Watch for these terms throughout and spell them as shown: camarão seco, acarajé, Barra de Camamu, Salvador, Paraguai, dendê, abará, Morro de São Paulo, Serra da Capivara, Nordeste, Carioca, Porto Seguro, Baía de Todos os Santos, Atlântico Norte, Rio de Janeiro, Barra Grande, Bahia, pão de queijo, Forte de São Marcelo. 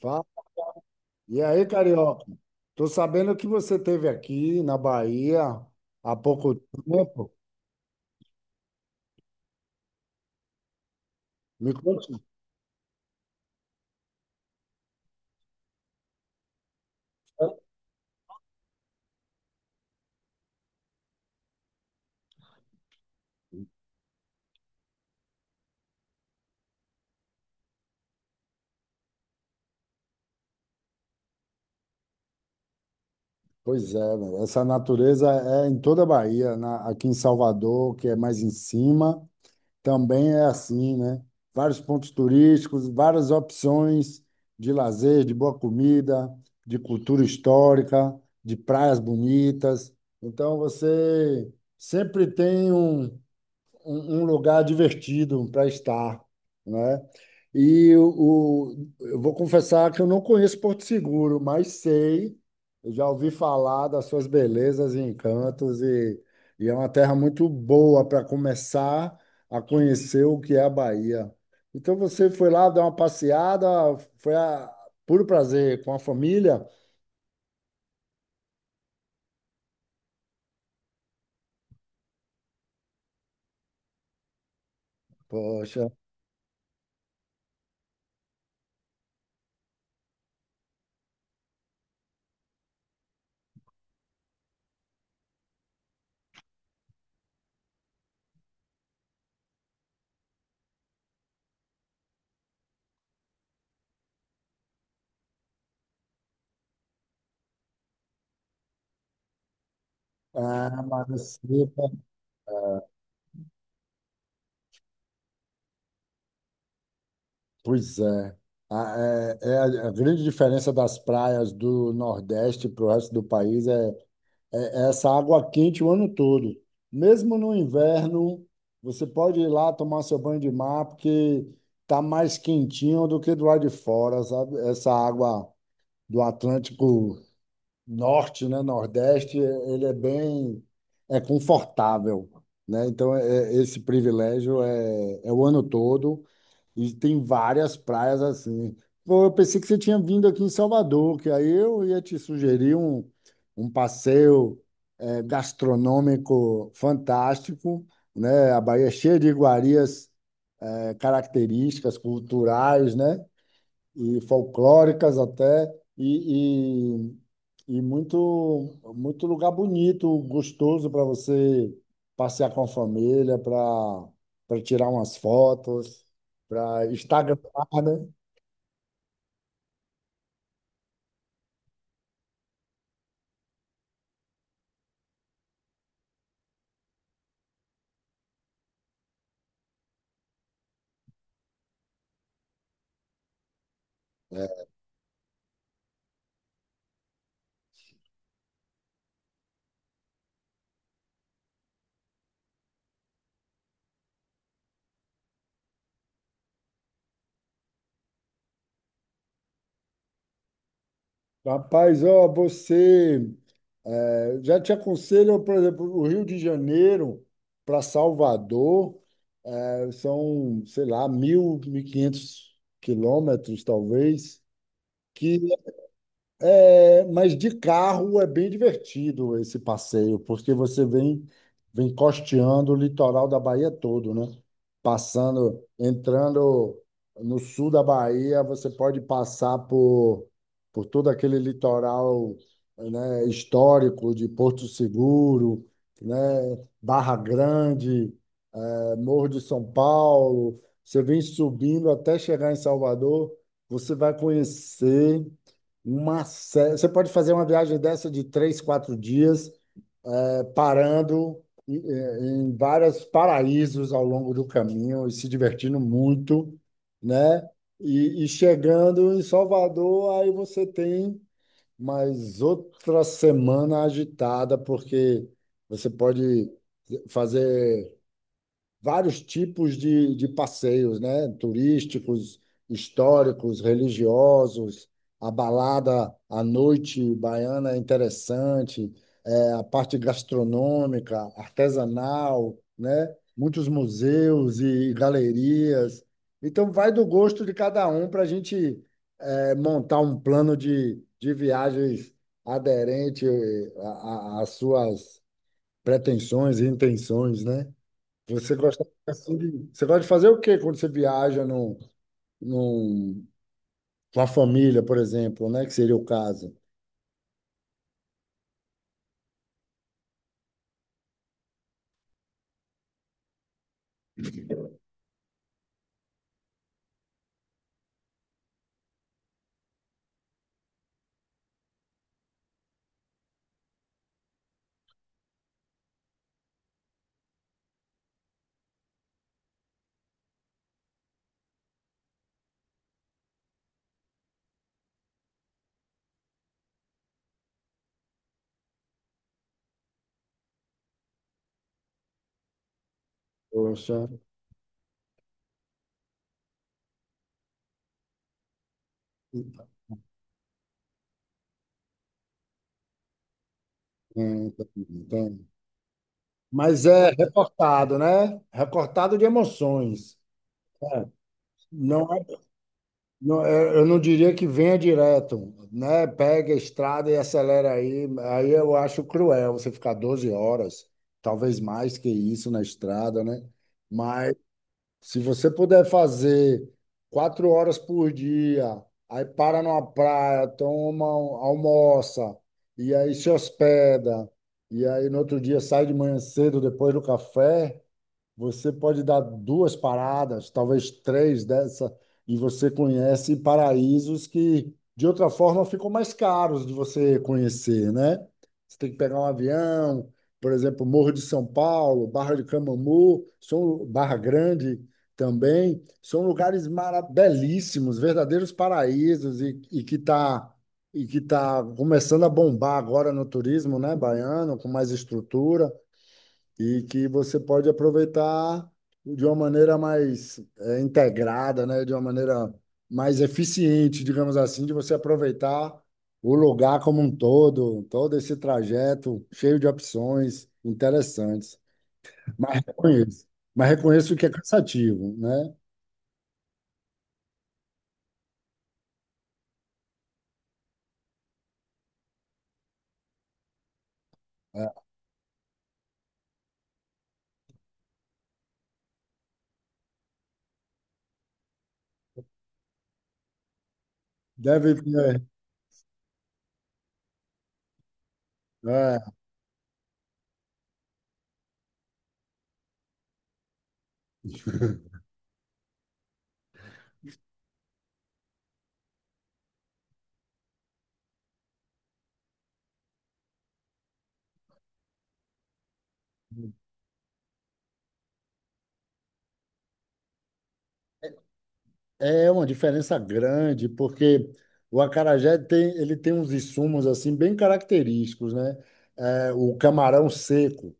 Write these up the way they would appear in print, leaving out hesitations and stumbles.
Fala. E aí, Carioca? Tô sabendo que você esteve aqui na Bahia há pouco tempo. Me conte. Pois é, né? Essa natureza é em toda a Bahia, aqui em Salvador, que é mais em cima, também é assim, né? Vários pontos turísticos, várias opções de lazer, de boa comida, de cultura histórica, de praias bonitas. Então, você sempre tem um lugar divertido para estar, né? E eu vou confessar que eu não conheço Porto Seguro, mas sei, eu já ouvi falar das suas belezas e encantos, e é uma terra muito boa para começar a conhecer o que é a Bahia. Então você foi lá dar uma passeada, foi a puro prazer com a família? Poxa, ah, mas assim. Pois é. A, é, é a grande diferença das praias do Nordeste para o resto do país é é essa água quente o ano todo. Mesmo no inverno, você pode ir lá tomar seu banho de mar, porque tá mais quentinho do que do lado de fora, sabe? Essa água do Atlântico Norte, né? Nordeste, ele é bem, é confortável, né? Então, esse privilégio é, é o ano todo. E tem várias praias assim. Pô, eu pensei que você tinha vindo aqui em Salvador, que aí eu ia te sugerir um passeio gastronômico fantástico, né? A Bahia é cheia de iguarias, características culturais, né? E folclóricas até, e, e muito, muito lugar bonito, gostoso para você passear com a família, para tirar umas fotos, para Instagramar, né? É. Rapaz, ó, você já te aconselho, por exemplo, o Rio de Janeiro para Salvador são, sei lá, 1.000, 1.500 quilômetros, talvez, que é, mas de carro é bem divertido esse passeio, porque você vem, vem costeando o litoral da Bahia todo, né? Passando, entrando no sul da Bahia, você pode passar por todo aquele litoral, né, histórico de Porto Seguro, né, Barra Grande, Morro de São Paulo, você vem subindo até chegar em Salvador, você vai conhecer uma série. Você pode fazer uma viagem dessa de três, quatro dias, parando em vários paraísos ao longo do caminho e se divertindo muito, né? E chegando em Salvador, aí você tem mais outra semana agitada, porque você pode fazer vários tipos de passeios, né? Turísticos, históricos, religiosos, a balada à noite baiana é interessante, é, a parte gastronômica, artesanal, né? Muitos museus e galerias. Então, vai do gosto de cada um para a gente montar um plano de viagens aderente às suas pretensões e intenções, né? Você gosta assim de, você gosta de fazer o quê quando você viaja num, com a família, por exemplo, né? Que seria o caso. Poxa, então, então. Mas é recortado, né? Recortado de emoções. É, não é, eu não diria que venha direto, né? Pega a estrada e acelera aí. Aí eu acho cruel você ficar 12 horas, talvez mais que isso na estrada, né? Se você puder fazer 4 horas por dia, aí para numa praia, almoça, e aí se hospeda, e aí no outro dia sai de manhã cedo depois do café. Você pode dar duas paradas, talvez três dessa, e você conhece paraísos que, de outra forma, ficam mais caros de você conhecer, né? Você tem que pegar um avião, por exemplo, Morro de São Paulo, Barra de Camamu, são, Barra Grande também, são lugares belíssimos, verdadeiros paraísos, e que está e que tá começando a bombar agora no turismo, né, baiano, com mais estrutura e que você pode aproveitar de uma maneira mais integrada, né? De uma maneira mais eficiente, digamos assim, de você aproveitar o lugar como um todo, todo esse trajeto cheio de opções interessantes. Mas reconheço, mas reconheço que é cansativo, né? É, deve ter, é. É uma diferença grande, porque o acarajé tem, ele tem uns insumos assim bem característicos, né? É, o camarão seco,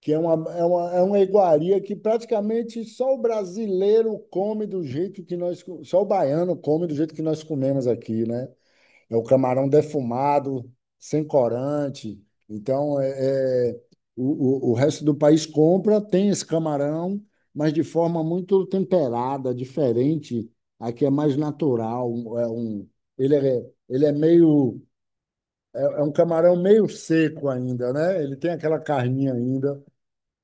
que é uma, é uma, é uma iguaria que praticamente só o brasileiro come do jeito que só o baiano come do jeito que nós comemos aqui, né? É o camarão defumado, sem corante. Então, é, é, o resto do país compra, tem esse camarão, mas de forma muito temperada, diferente. Aqui é mais natural. É um, ele é meio, é, é um camarão meio seco ainda, né? Ele tem aquela carninha ainda.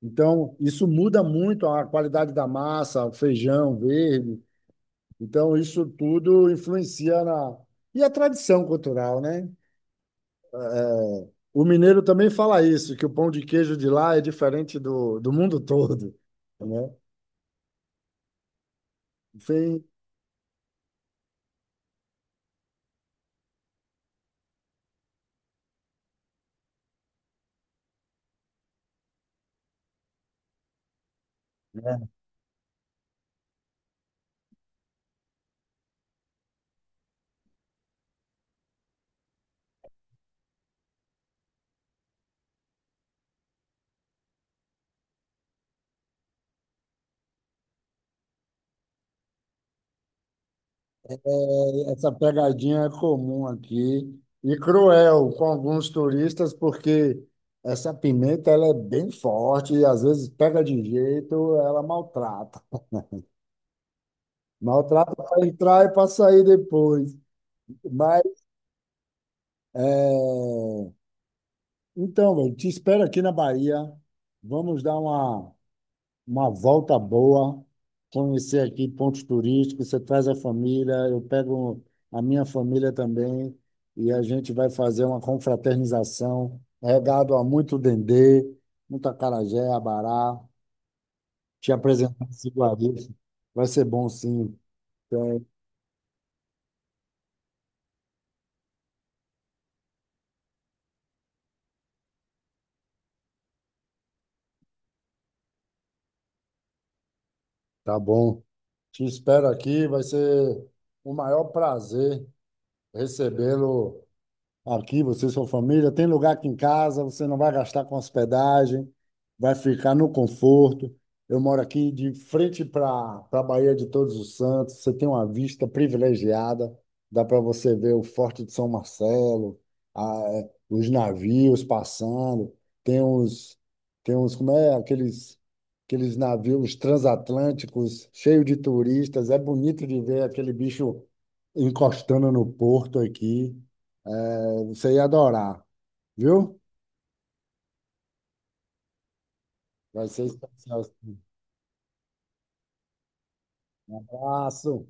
Então, isso muda muito a qualidade da massa, o feijão verde. Então, isso tudo influencia na. E a tradição cultural, né? O mineiro também fala isso, que o pão de queijo de lá é diferente do mundo todo, né? Enfim, é, essa pegadinha é comum aqui e cruel com alguns turistas, porque essa pimenta ela é bem forte e às vezes pega de jeito, ela maltrata. Maltrata para entrar e para sair depois. Mas, é, então, velho, te espero aqui na Bahia. Vamos dar uma volta boa, conhecer aqui pontos turísticos, você traz a família, eu pego a minha família também e a gente vai fazer uma confraternização, regado a muito dendê, muito acarajé, abará, te apresentar esse iguarias. Vai ser bom, sim. Tem. Tá bom. Te espero aqui, vai ser o maior prazer recebê-lo. Aqui, você e sua família, tem lugar aqui em casa, você não vai gastar com hospedagem, vai ficar no conforto. Eu moro aqui de frente para a Baía de Todos os Santos, você tem uma vista privilegiada, dá para você ver o Forte de São Marcelo, os navios passando, tem uns, tem uns, como é, aqueles, aqueles navios transatlânticos cheios de turistas, é bonito de ver aquele bicho encostando no porto aqui. Você ia adorar, viu? Vai ser especial esse abraço.